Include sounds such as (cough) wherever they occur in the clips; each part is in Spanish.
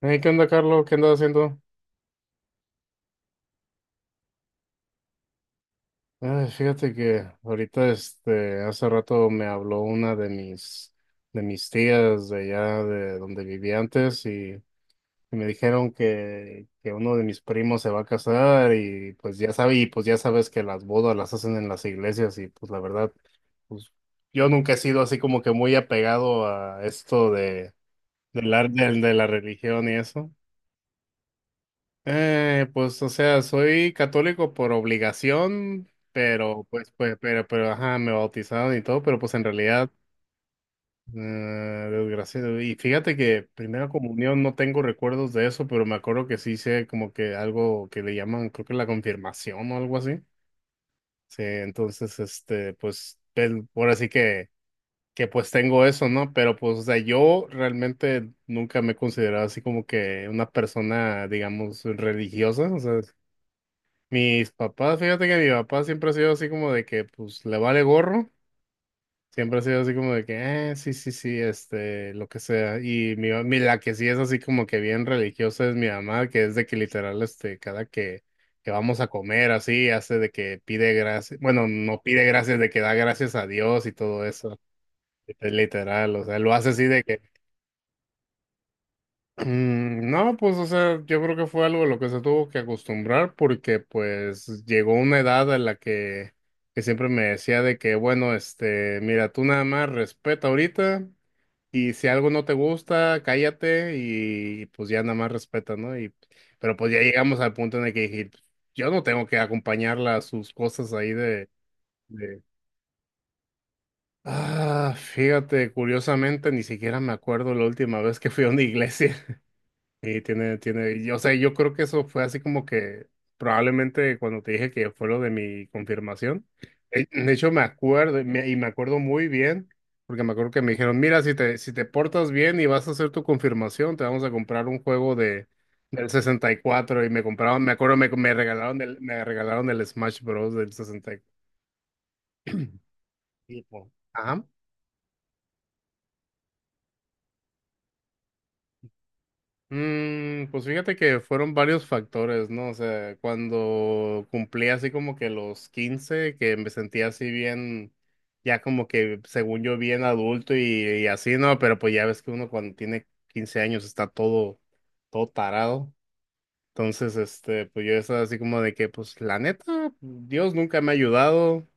Hey, ¿qué onda, Carlos? ¿Qué andas haciendo? Ay, fíjate que ahorita, hace rato me habló una de mis tías de allá de donde vivía antes y me dijeron que uno de mis primos se va a casar y pues ya sabes que las bodas las hacen en las iglesias y pues la verdad, pues yo nunca he sido así como que muy apegado a esto de, del ar- del- de la religión y eso. Pues, o sea, soy católico por obligación, pero, ajá, me bautizaron y todo, pero pues en realidad, eh, desgraciado. Y fíjate que primera comunión no tengo recuerdos de eso, pero me acuerdo que sí hice como que algo que le llaman, creo que la confirmación o algo así. Sí, entonces, pues, ahora sí que pues tengo eso, ¿no? Pero pues, o sea, yo realmente nunca me he considerado así como que una persona, digamos, religiosa, o sea, mis papás, fíjate que mi papá siempre ha sido así como de que, pues, le vale gorro. Siempre ha sido así como de que, sí, sí, sí, lo que sea. Y la que sí es así como que bien religiosa es mi mamá, que es de que literal, cada que vamos a comer, así, hace de que pide gracias. Bueno, no pide gracias, de que da gracias a Dios y todo eso. Literal, o sea, lo hace así. No, pues, o sea, yo creo que fue algo a lo que se tuvo que acostumbrar porque, pues, llegó una edad en la que siempre me decía de que, bueno, mira, tú nada más respeta ahorita y si algo no te gusta, cállate y, pues ya nada más respeta, ¿no? Pero pues ya llegamos al punto en el que dije, yo no tengo que acompañarla a sus cosas ahí. De- Ah, fíjate, curiosamente ni siquiera me acuerdo la última vez que fui a una iglesia. Sí, tiene, y, o sea, yo creo que eso fue así como que probablemente cuando te dije que fue lo de mi confirmación. De hecho, me acuerdo y me acuerdo muy bien, porque me acuerdo que me dijeron, mira, si te portas bien y vas a hacer tu confirmación, te vamos a comprar un juego de del 64 y me compraron, me acuerdo, me regalaron el Smash Bros. Del 64. Ajá. Pues fíjate que fueron varios factores, ¿no? O sea, cuando cumplí así como que los 15 que me sentía así bien, ya como que según yo bien adulto y así, ¿no? Pero pues ya ves que uno cuando tiene 15 años está todo tarado. Entonces, pues yo estaba así como de que, pues la neta, Dios nunca me ha ayudado,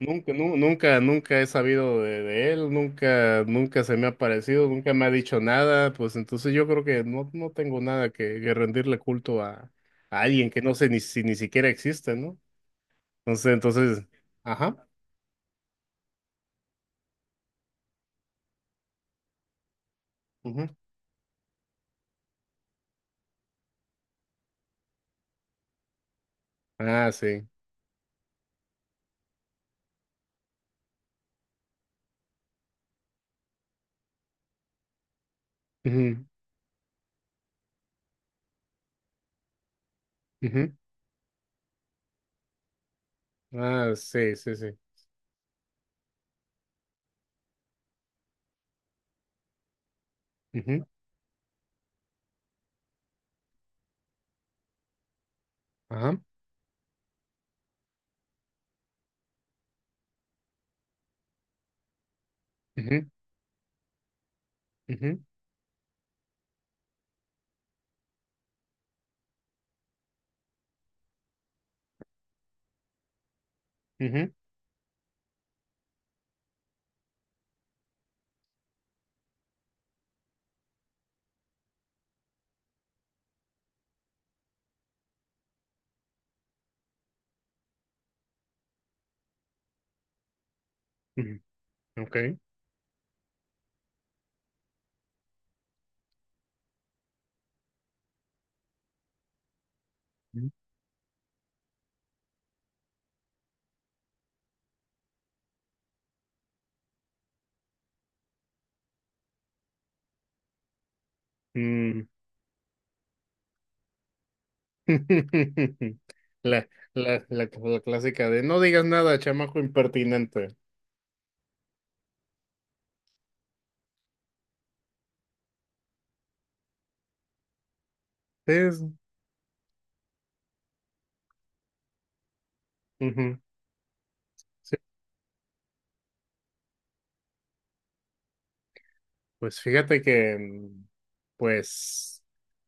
nunca, nunca, nunca he sabido de él, nunca, nunca se me ha parecido, nunca me ha dicho nada, pues entonces yo creo que no, no tengo nada que rendirle culto a alguien que no sé ni siquiera existe, ¿no? Entonces, entonces, ajá, ujú, ah, sí, ujú, ujú, ah, sí, sí, sí, ujú, ajá, ujú, ujú, ujú, ujú, okay, ujú, mm, (laughs) La, la clásica de no digas nada, chamaco impertinente. Sí, ujú, sí. Pues fíjate que, pues,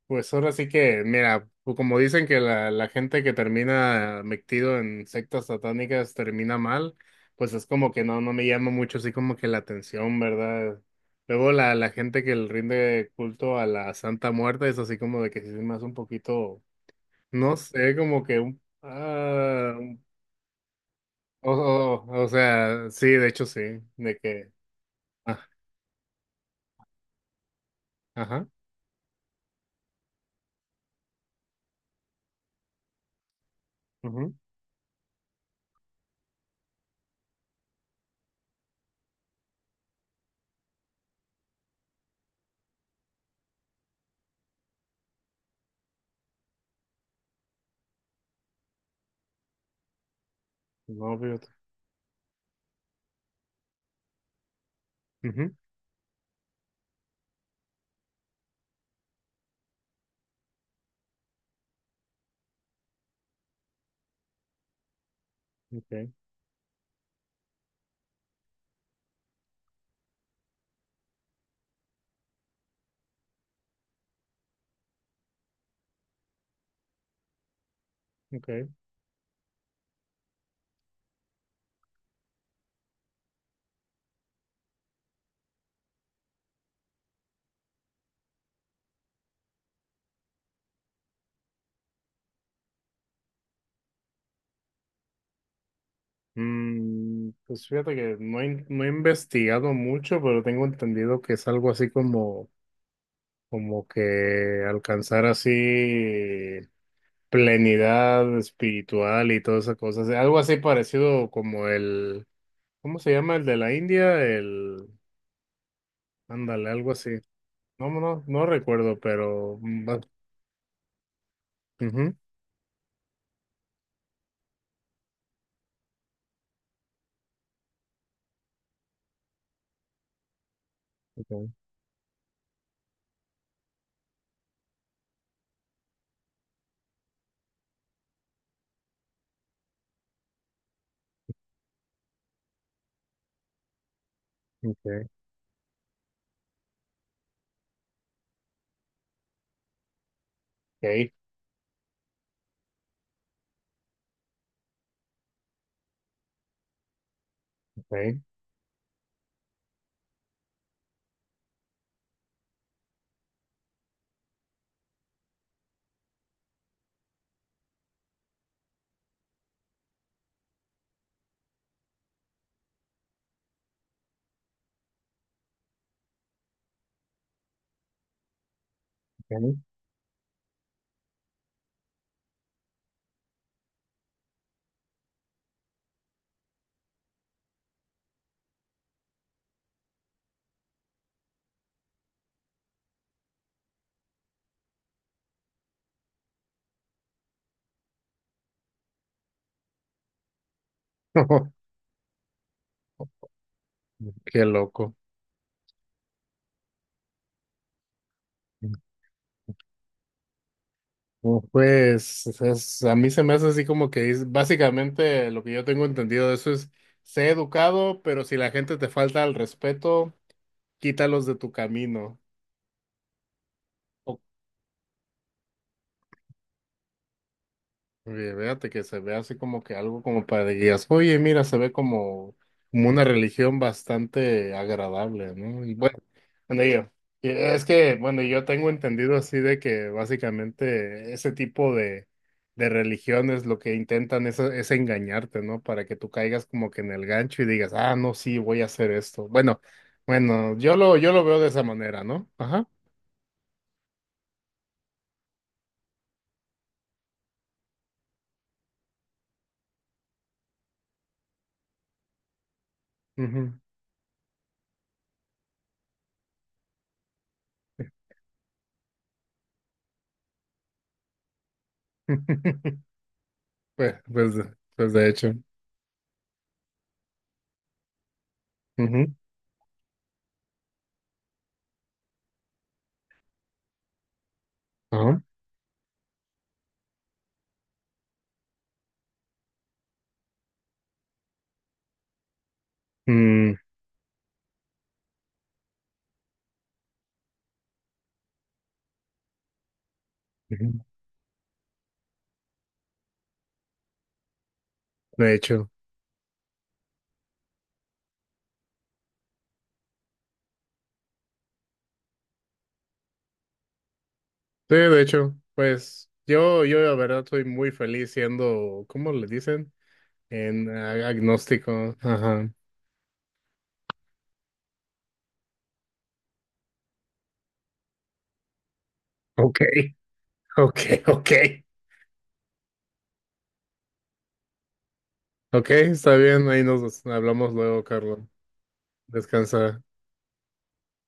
pues ahora sí que, mira, pues como dicen que la gente que termina metido en sectas satánicas termina mal, pues es como que no, no me llama mucho así como que la atención, ¿verdad? Luego la gente que le rinde culto a la Santa Muerte es así como de que sí se me hace un poquito, no sé, como que un, o sea, sí, de hecho sí, de que, ah, ajá. Ujú. No, ujú, okay, okay. Pues fíjate que no he investigado mucho, pero tengo entendido que es algo así como, como que alcanzar así plenidad espiritual y todas esas cosas. Algo así parecido como el, ¿cómo se llama? El de la India, ándale, algo así. No, no, no no recuerdo, pero ujú, okay, okay, okay, okay, okay. (laughs) Qué loco. Oh, pues a mí se me hace así como que básicamente lo que yo tengo entendido de eso es, sé educado, pero si la gente te falta el respeto, quítalos de tu camino. Oye, fíjate que se ve así como que algo como para que digas, oye, mira, se ve como, una religión bastante agradable, ¿no? Bueno, yo- y es que, bueno, yo tengo entendido así de que básicamente ese tipo de religiones lo que intentan es engañarte, ¿no? Para que tú caigas como que en el gancho y digas, ah, no, sí, voy a hacer esto. Bueno, bueno, yo lo veo de esa manera, ¿no? Ajá. Ujú. (laughs) Pues, pues, pues, de hecho. Ujú. Ajá. Mm. Ujú. De hecho, sí, de hecho, pues yo la verdad soy muy feliz siendo, ¿cómo le dicen? Agnóstico. Ajá. Ok, (laughs) ok, ok. Ok, está bien, ahí nos hablamos luego, Carlos. Descansa.